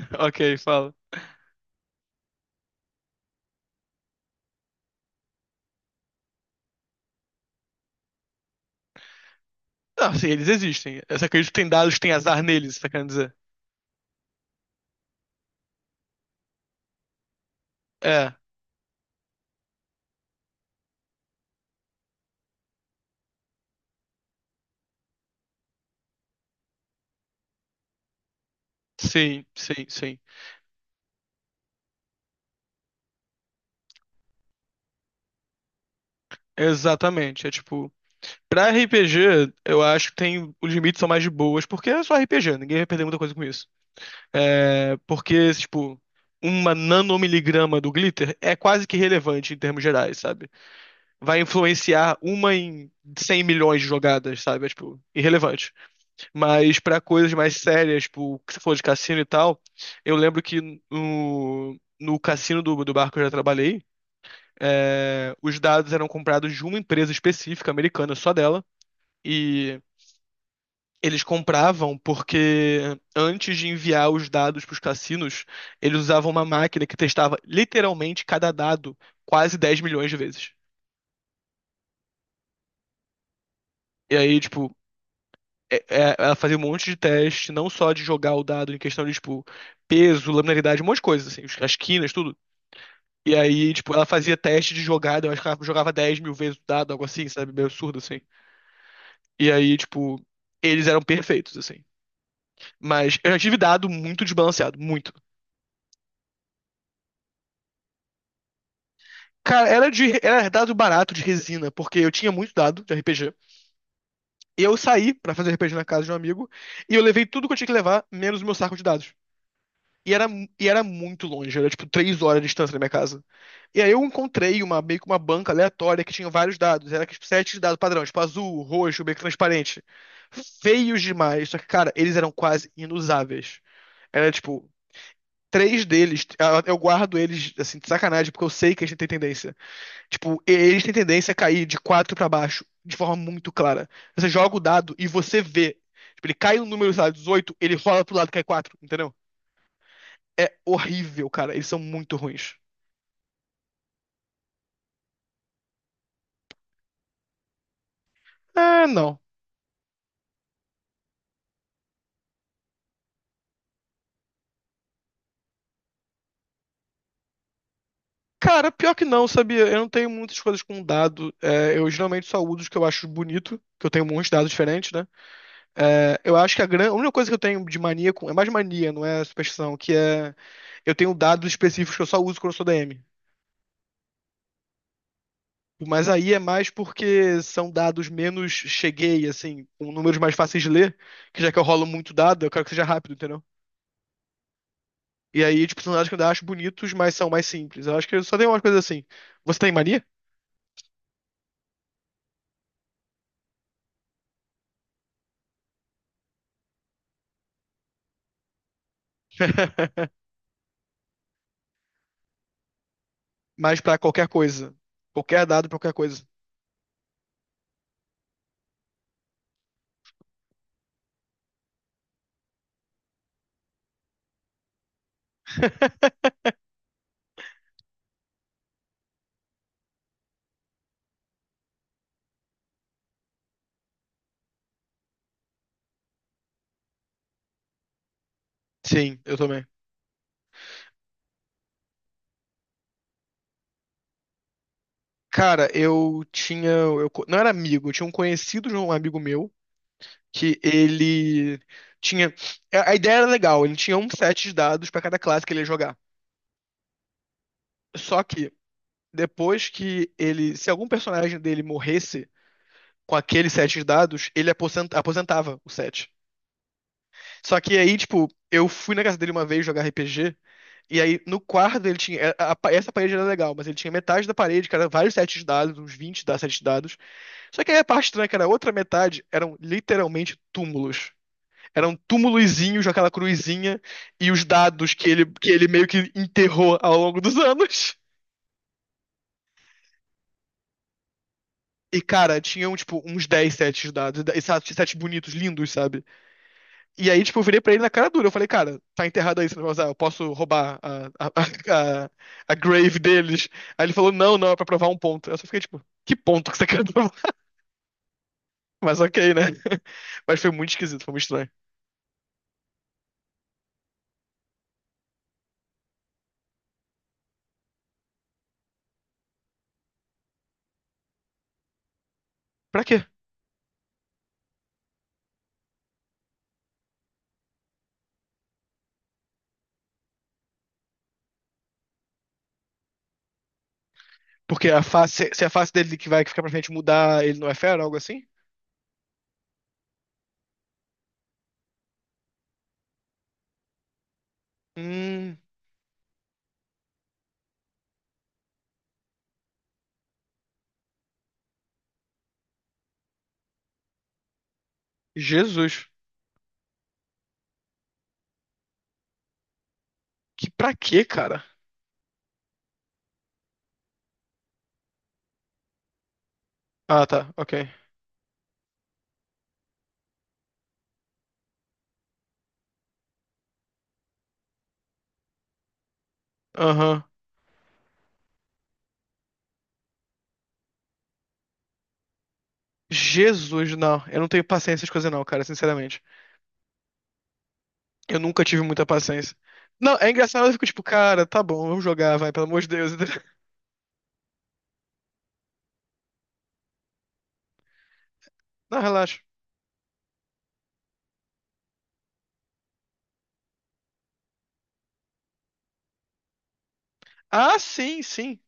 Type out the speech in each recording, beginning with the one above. Ok, fala. Não, sim, eles existem. Eu só acredito que tem dados que tem azar neles, tá querendo dizer? É, sim, sim, sim. Exatamente. É tipo, pra RPG, eu acho que tem, os limites são mais de boas, porque é só RPG, ninguém vai perder muita coisa com isso. É, porque, tipo, uma nanomiligrama do glitter é quase que relevante em termos gerais, sabe? Vai influenciar uma em 100 milhões de jogadas, sabe? É, tipo, irrelevante. Mas pra coisas mais sérias, tipo, que você falou de cassino e tal, eu lembro que no cassino do barco que eu já trabalhei, é, os dados eram comprados de uma empresa específica americana, só dela, e eles compravam porque antes de enviar os dados para os cassinos, eles usavam uma máquina que testava literalmente cada dado quase 10 milhões de vezes. E aí, tipo, ela fazia um monte de teste, não só de jogar o dado em questão de, tipo, peso, laminaridade, um monte de coisa, assim, as quinas, tudo. E aí, tipo, ela fazia teste de jogada, eu acho que ela jogava 10 mil vezes o dado, algo assim, sabe? Meio absurdo, assim. E aí, tipo, eles eram perfeitos, assim. Mas eu já tive dado muito desbalanceado, muito. Cara, era dado barato de resina, porque eu tinha muito dado de RPG. E eu saí pra fazer RPG na casa de um amigo, e eu levei tudo que eu tinha que levar, menos o meu saco de dados. E era, e era muito longe, era tipo 3 horas de distância da minha casa. E aí eu encontrei uma, meio que uma banca aleatória que tinha vários dados. Era tipo, sete dados padrão, tipo azul, roxo, meio que transparente. Feios demais. Só que, cara, eles eram quase inusáveis. Era tipo, três deles, ah, eu guardo eles assim, de sacanagem, porque eu sei que eles têm tendência. Tipo, eles têm tendência a cair de quatro pra baixo, de forma muito clara. Você joga o dado e você vê. Tipo, ele cai no número, sei lá, 18, ele rola pro lado e cai quatro, entendeu? É horrível, cara. Eles são muito ruins. É, não. Cara, pior que não, sabia? Eu não tenho muitas coisas com dado. É, eu geralmente só uso os que eu acho bonito, que eu tenho muitos dados diferentes, né? É, eu acho que a única coisa que eu tenho de mania com. É mais mania, não é superstição, que é. Eu tenho dados específicos que eu só uso quando eu sou DM. Mas aí é mais porque são dados menos cheguei, assim, com números mais fáceis de ler, que já que eu rolo muito dado, eu quero que seja rápido, entendeu? E aí, de personagens que eu ainda acho bonitos, mas são mais simples. Eu acho que eu só tem umas coisas assim. Você tem mania? Mas pra qualquer coisa. Qualquer dado, pra qualquer coisa. Sim, eu também. Cara, eu tinha. Eu, não era amigo, eu tinha um conhecido de um amigo meu que ele tinha. A ideia era legal, ele tinha um set de dados pra cada classe que ele ia jogar. Só que, depois que ele. Se algum personagem dele morresse com aquele set de dados, ele aposentava o set. Só que aí, tipo, eu fui na casa dele uma vez jogar RPG. E aí, no quarto, ele tinha. É, a essa parede era legal, mas ele tinha metade da parede, que era vários sets de dados, uns 20 da sete de dados. Só que aí a parte estranha, é que era a outra metade, eram literalmente túmulos. Eram túmulozinhos, aquela cruzinha, e os dados que ele meio que enterrou ao longo dos anos. E, cara, tinham, tipo, uns 10 sets de dados, e sete bonitos, lindos, sabe? E aí, tipo, eu virei pra ele na cara dura. Eu falei, cara, tá enterrado aí esse negócio, ah, eu posso roubar a grave deles. Aí ele falou, não, não, é pra provar um ponto. Eu só fiquei, tipo, que ponto que você quer provar? Mas ok, né? Mas foi muito esquisito, foi muito estranho. Pra quê? Porque a face, se a face dele que vai ficar pra frente mudar, ele não é fera, algo assim? Hum, Jesus. Que pra quê, cara? Ah, tá, ok. Aham. Jesus, não. Eu não tenho paciência com essas coisas não, cara, sinceramente. Eu nunca tive muita paciência. Não, é engraçado, eu fico tipo, cara, tá bom, vamos jogar, vai, pelo amor de Deus. Não, relaxa. Ah, sim, sim.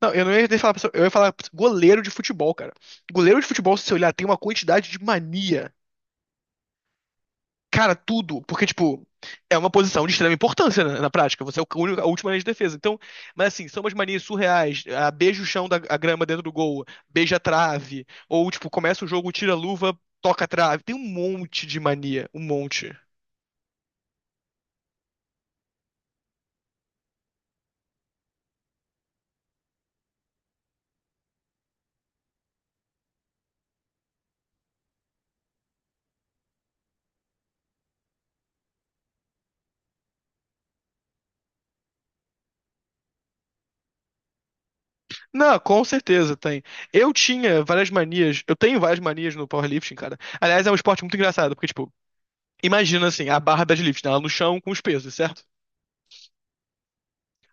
Não, eu não ia nem falar, eu ia falar goleiro de futebol, cara. Goleiro de futebol, se você olhar, tem uma quantidade de mania. Cara, tudo, porque, tipo, é uma posição de extrema importância na prática. Você é o único, a última linha de defesa. Então, mas assim, são umas manias surreais. Ah, beija o chão da a grama dentro do gol, beija a trave, ou, tipo, começa o jogo, tira a luva, toca a trave. Tem um monte de mania, um monte. Não, com certeza tem. Eu tinha várias manias. Eu tenho várias manias no powerlifting, cara. Aliás, é um esporte muito engraçado, porque, tipo, imagina assim, a barra deadlift, né? Ela no chão com os pesos, certo?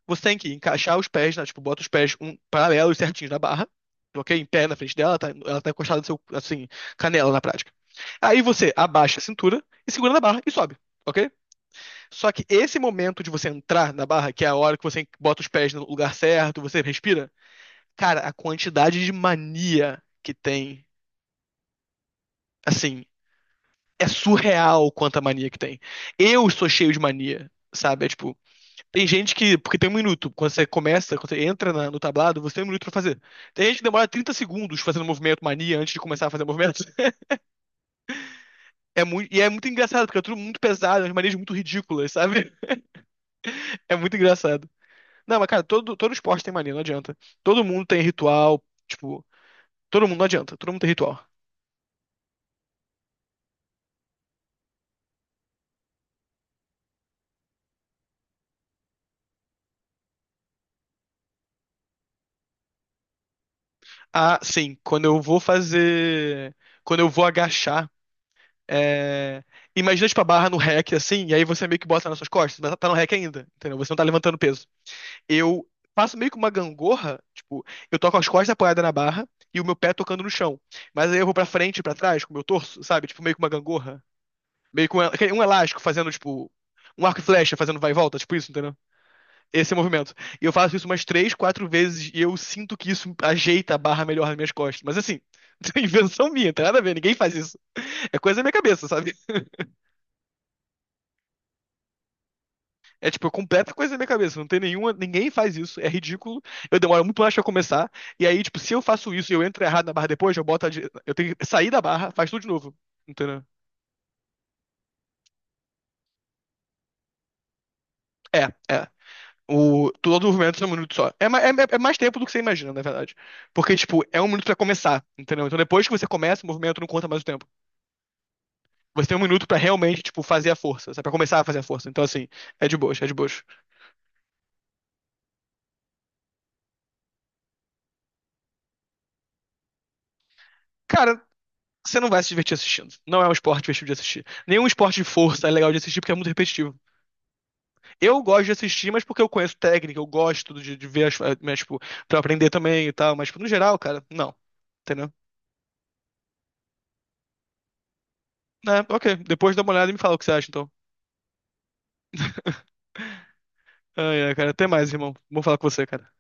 Você tem que encaixar os pés, né? Tipo, bota os pés um, paralelos certinhos na barra, ok? Em pé na frente dela, tá- ela tá encostada no seu, assim, canela na prática. Aí você abaixa a cintura e segura na barra e sobe, ok? Só que esse momento de você entrar na barra, que é a hora que você bota os pés no lugar certo, você respira, cara, a quantidade de mania que tem. Assim, é surreal quanta mania que tem. Eu sou cheio de mania, sabe? É tipo, tem gente que. Porque tem um minuto. Quando você começa, quando você entra na- no tablado, você tem um minuto pra fazer. Tem gente que demora 30 segundos fazendo movimento mania antes de começar a fazer movimento. É muito, e é muito engraçado, porque é tudo muito pesado, as manias muito ridículas, sabe? É muito engraçado. Não, mas cara, todo esporte tem mania, não adianta. Todo mundo tem ritual, tipo, todo mundo não adianta, todo mundo tem ritual. Ah, sim, quando eu vou fazer. Quando eu vou agachar. É... Imagina, tipo, a barra no rack, assim, e aí você meio que bota nas suas costas, mas tá no rack ainda, entendeu? Você não tá levantando peso. Eu faço meio que uma gangorra, tipo, eu tô com as costas apoiadas na barra e o meu pé tocando no chão. Mas aí eu vou pra frente e pra trás com o meu torso, sabe? Tipo, meio que uma gangorra. Meio que um elástico fazendo, tipo, um arco e flecha fazendo vai e volta, tipo isso, entendeu? Esse é o movimento. E eu faço isso umas três, quatro vezes e eu sinto que isso ajeita a barra melhor nas minhas costas. Mas assim, é invenção minha, não tem nada a ver, ninguém faz isso. É coisa da minha cabeça, sabe? É tipo, é completa coisa na minha cabeça. Não tem nenhuma, ninguém faz isso, é ridículo. Eu demoro muito mais pra começar. E aí, tipo, se eu faço isso e eu entro errado na barra depois, eu boto a, dire- eu tenho que sair da barra, faz tudo de novo. Entendeu? É, é. O, todo o movimento é um minuto só. É mais tempo do que você imagina, na verdade. Porque, tipo, é um minuto pra começar, entendeu? Então depois que você começa, o movimento não conta mais o tempo. Você tem um minuto pra realmente, tipo, fazer a força, sabe? Pra começar a fazer a força. Então, assim, é de boas, é de boas. Cara, você não vai se divertir assistindo. Não é um esporte divertido de assistir. Nenhum esporte de força é legal de assistir porque é muito repetitivo. Eu gosto de assistir, mas porque eu conheço técnica, eu gosto de ver as, eh, mas, tipo, pra aprender também e tal. Mas, tipo, no geral, cara, não. Entendeu? É, ok. Depois dá uma olhada e me fala o que você acha, então. Ai, ai, cara. Até mais, irmão. Vou falar com você, cara.